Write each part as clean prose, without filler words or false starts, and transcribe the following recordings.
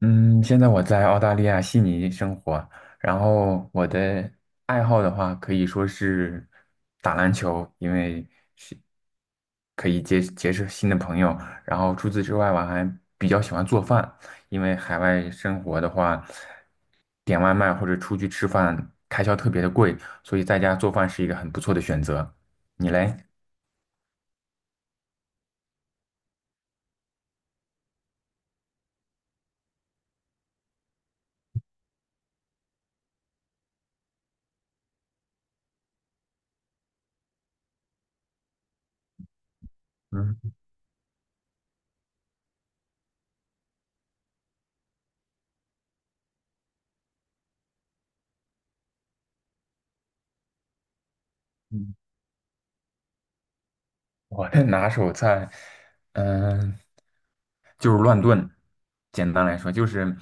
嗯，现在我在澳大利亚悉尼生活，然后我的爱好的话可以说是打篮球，因为是可以结识新的朋友。然后除此之外，我还比较喜欢做饭，因为海外生活的话，点外卖或者出去吃饭开销特别的贵，所以在家做饭是一个很不错的选择。你嘞？嗯。我的拿手菜，嗯、就是乱炖。简单来说，就是，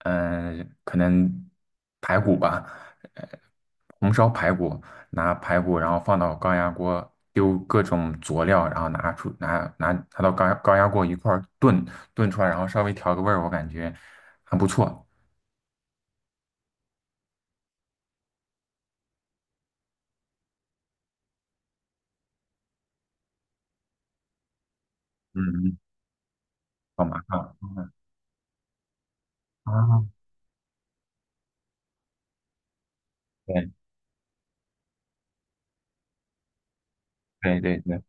可能排骨吧，红烧排骨，拿排骨，然后放到高压锅，丢各种佐料，然后拿出拿拿拿到高压锅一块儿炖，炖出来，然后稍微调个味儿，我感觉还不错。嗯，好麻烦啊！对对对对。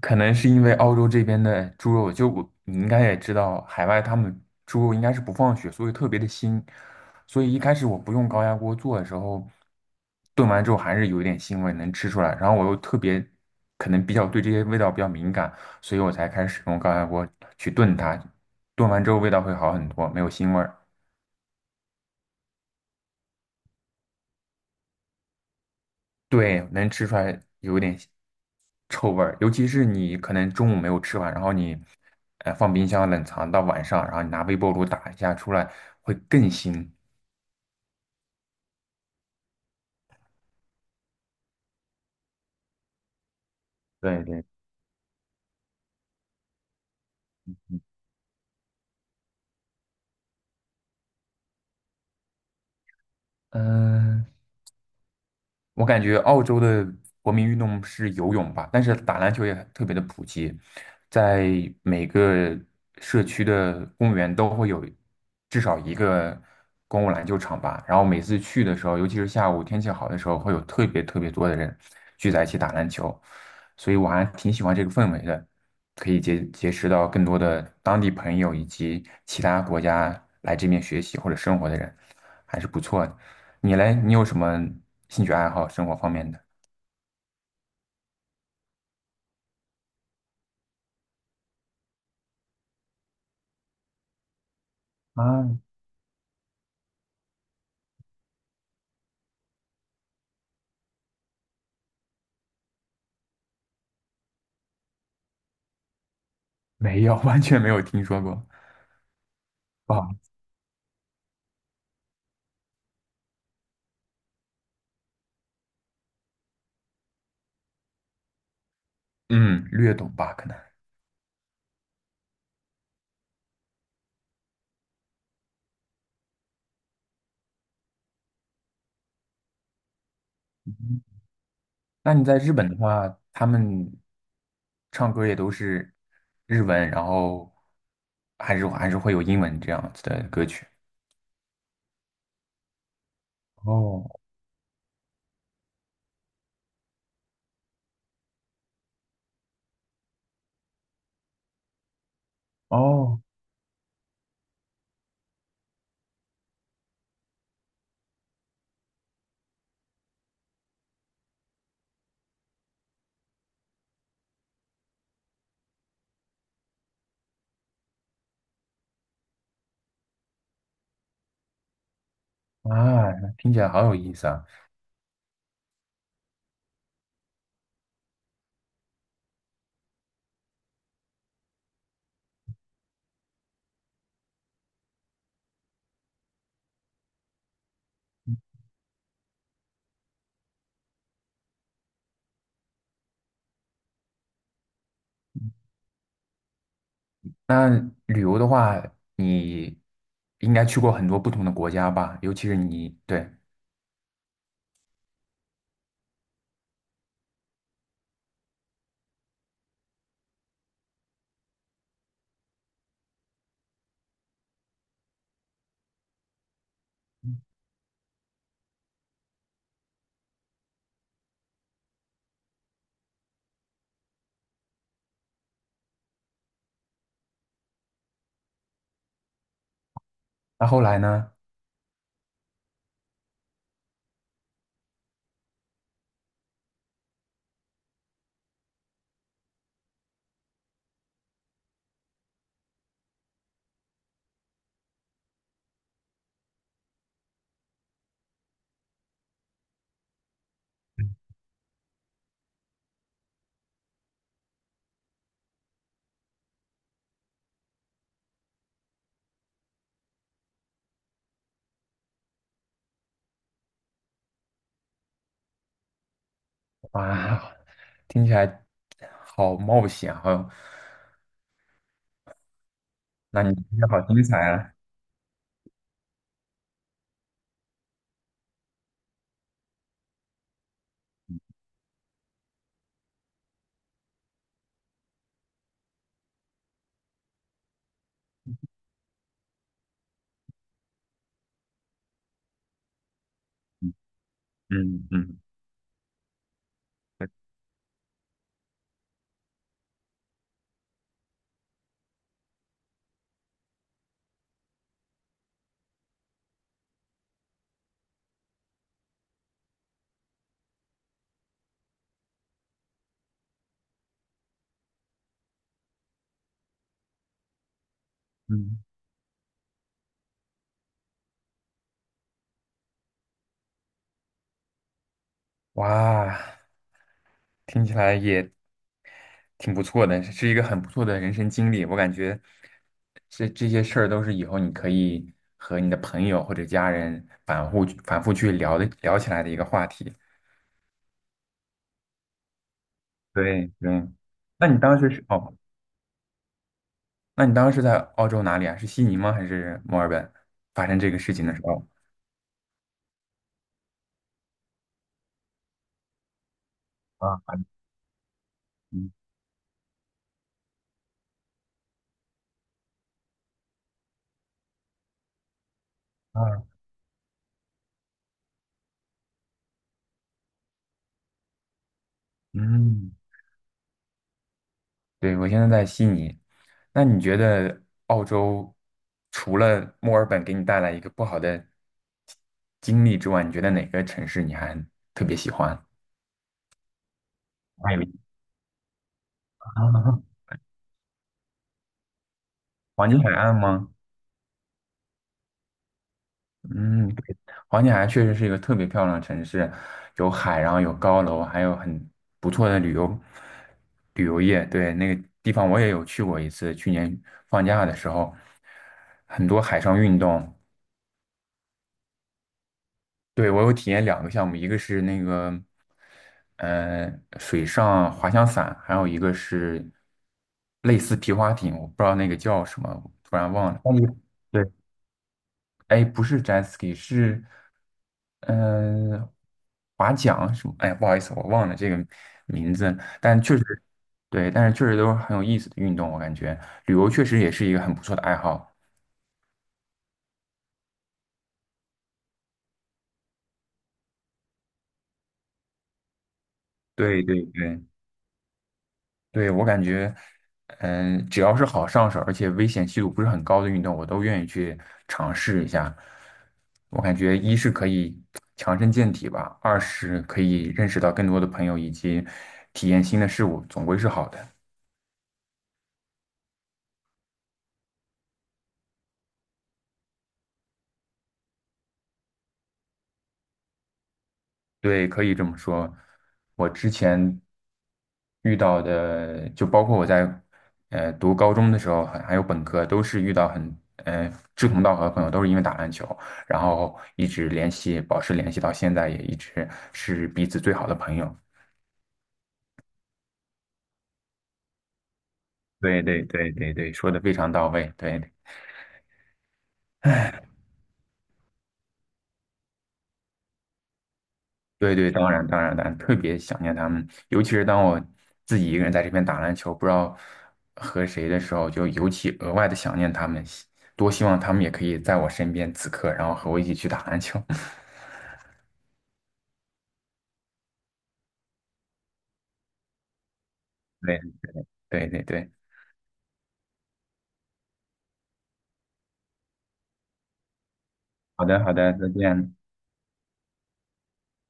可能是因为澳洲这边的猪肉，就我你应该也知道，海外他们猪肉应该是不放血，所以特别的腥。所以一开始我不用高压锅做的时候，炖完之后还是有一点腥味能吃出来。然后我又特别可能比较对这些味道比较敏感，所以我才开始使用高压锅去炖它。炖完之后味道会好很多，没有腥味儿。对，能吃出来有点臭味儿，尤其是你可能中午没有吃完，然后你放冰箱冷藏到晚上，然后你拿微波炉打一下出来，会更腥。对对，嗯、我感觉澳洲的国民运动是游泳吧，但是打篮球也特别的普及，在每个社区的公园都会有至少一个公共篮球场吧。然后每次去的时候，尤其是下午天气好的时候，会有特别特别多的人聚在一起打篮球，所以我还挺喜欢这个氛围的，可以结识到更多的当地朋友以及其他国家来这边学习或者生活的人，还是不错的。你嘞，你有什么兴趣爱好，生活方面的？啊，没有，完全没有听说过。啊，嗯，略懂吧，可能。那你在日本的话，他们唱歌也都是日文，然后还是会有英文这样子的歌曲。哦哦啊，那听起来好有意思啊！那旅游的话，你应该去过很多不同的国家吧？尤其是你，对。那后来呢？哇，听起来好冒险，好，那你听起来好精彩啊！嗯嗯嗯，嗯哇，听起来也挺不错的，是一个很不错的人生经历。我感觉这些事儿都是以后你可以和你的朋友或者家人反复反复去聊的聊起来的一个话题。对对，那你当时是哦，那你当时在澳洲哪里啊？是悉尼吗？还是墨尔本？发生这个事情的时候啊，啊，嗯，对，我现在在悉尼。那你觉得澳洲除了墨尔本给你带来一个不好的经历之外，你觉得哪个城市你还特别喜欢？还有一啊，黄金海岸吗？嗯，对，黄金海岸确实是一个特别漂亮的城市，有海，然后有高楼，还有很不错的旅游业。对，那个地方我也有去过一次，去年放假的时候，很多海上运动。对，我有体验两个项目，一个是那个，呃，水上滑翔伞，还有一个是类似皮划艇，我不知道那个叫什么，我突然忘了。那你对，哎，不是 jet ski，是嗯、呃划桨什么？哎，不好意思，我忘了这个名字，但确实对，但是确实都是很有意思的运动，我感觉旅游确实也是一个很不错的爱好。对对对。对，我感觉，只要是好上手，而且危险系数不是很高的运动，我都愿意去尝试一下。我感觉一是可以强身健体吧，二是可以认识到更多的朋友以及体验新的事物，总归是好的。对，可以这么说。我之前遇到的，就包括我在读高中的时候，还有本科，都是遇到很志同道合的朋友，都是因为打篮球，然后一直联系，保持联系到现在，也一直是彼此最好的朋友。对对对对对，说的非常到位。对。对对，当然当然当然，特别想念他们，尤其是当我自己一个人在这边打篮球，不知道和谁的时候，就尤其额外的想念他们，多希望他们也可以在我身边此刻，然后和我一起去打篮球。对对对对，好的好的，再见。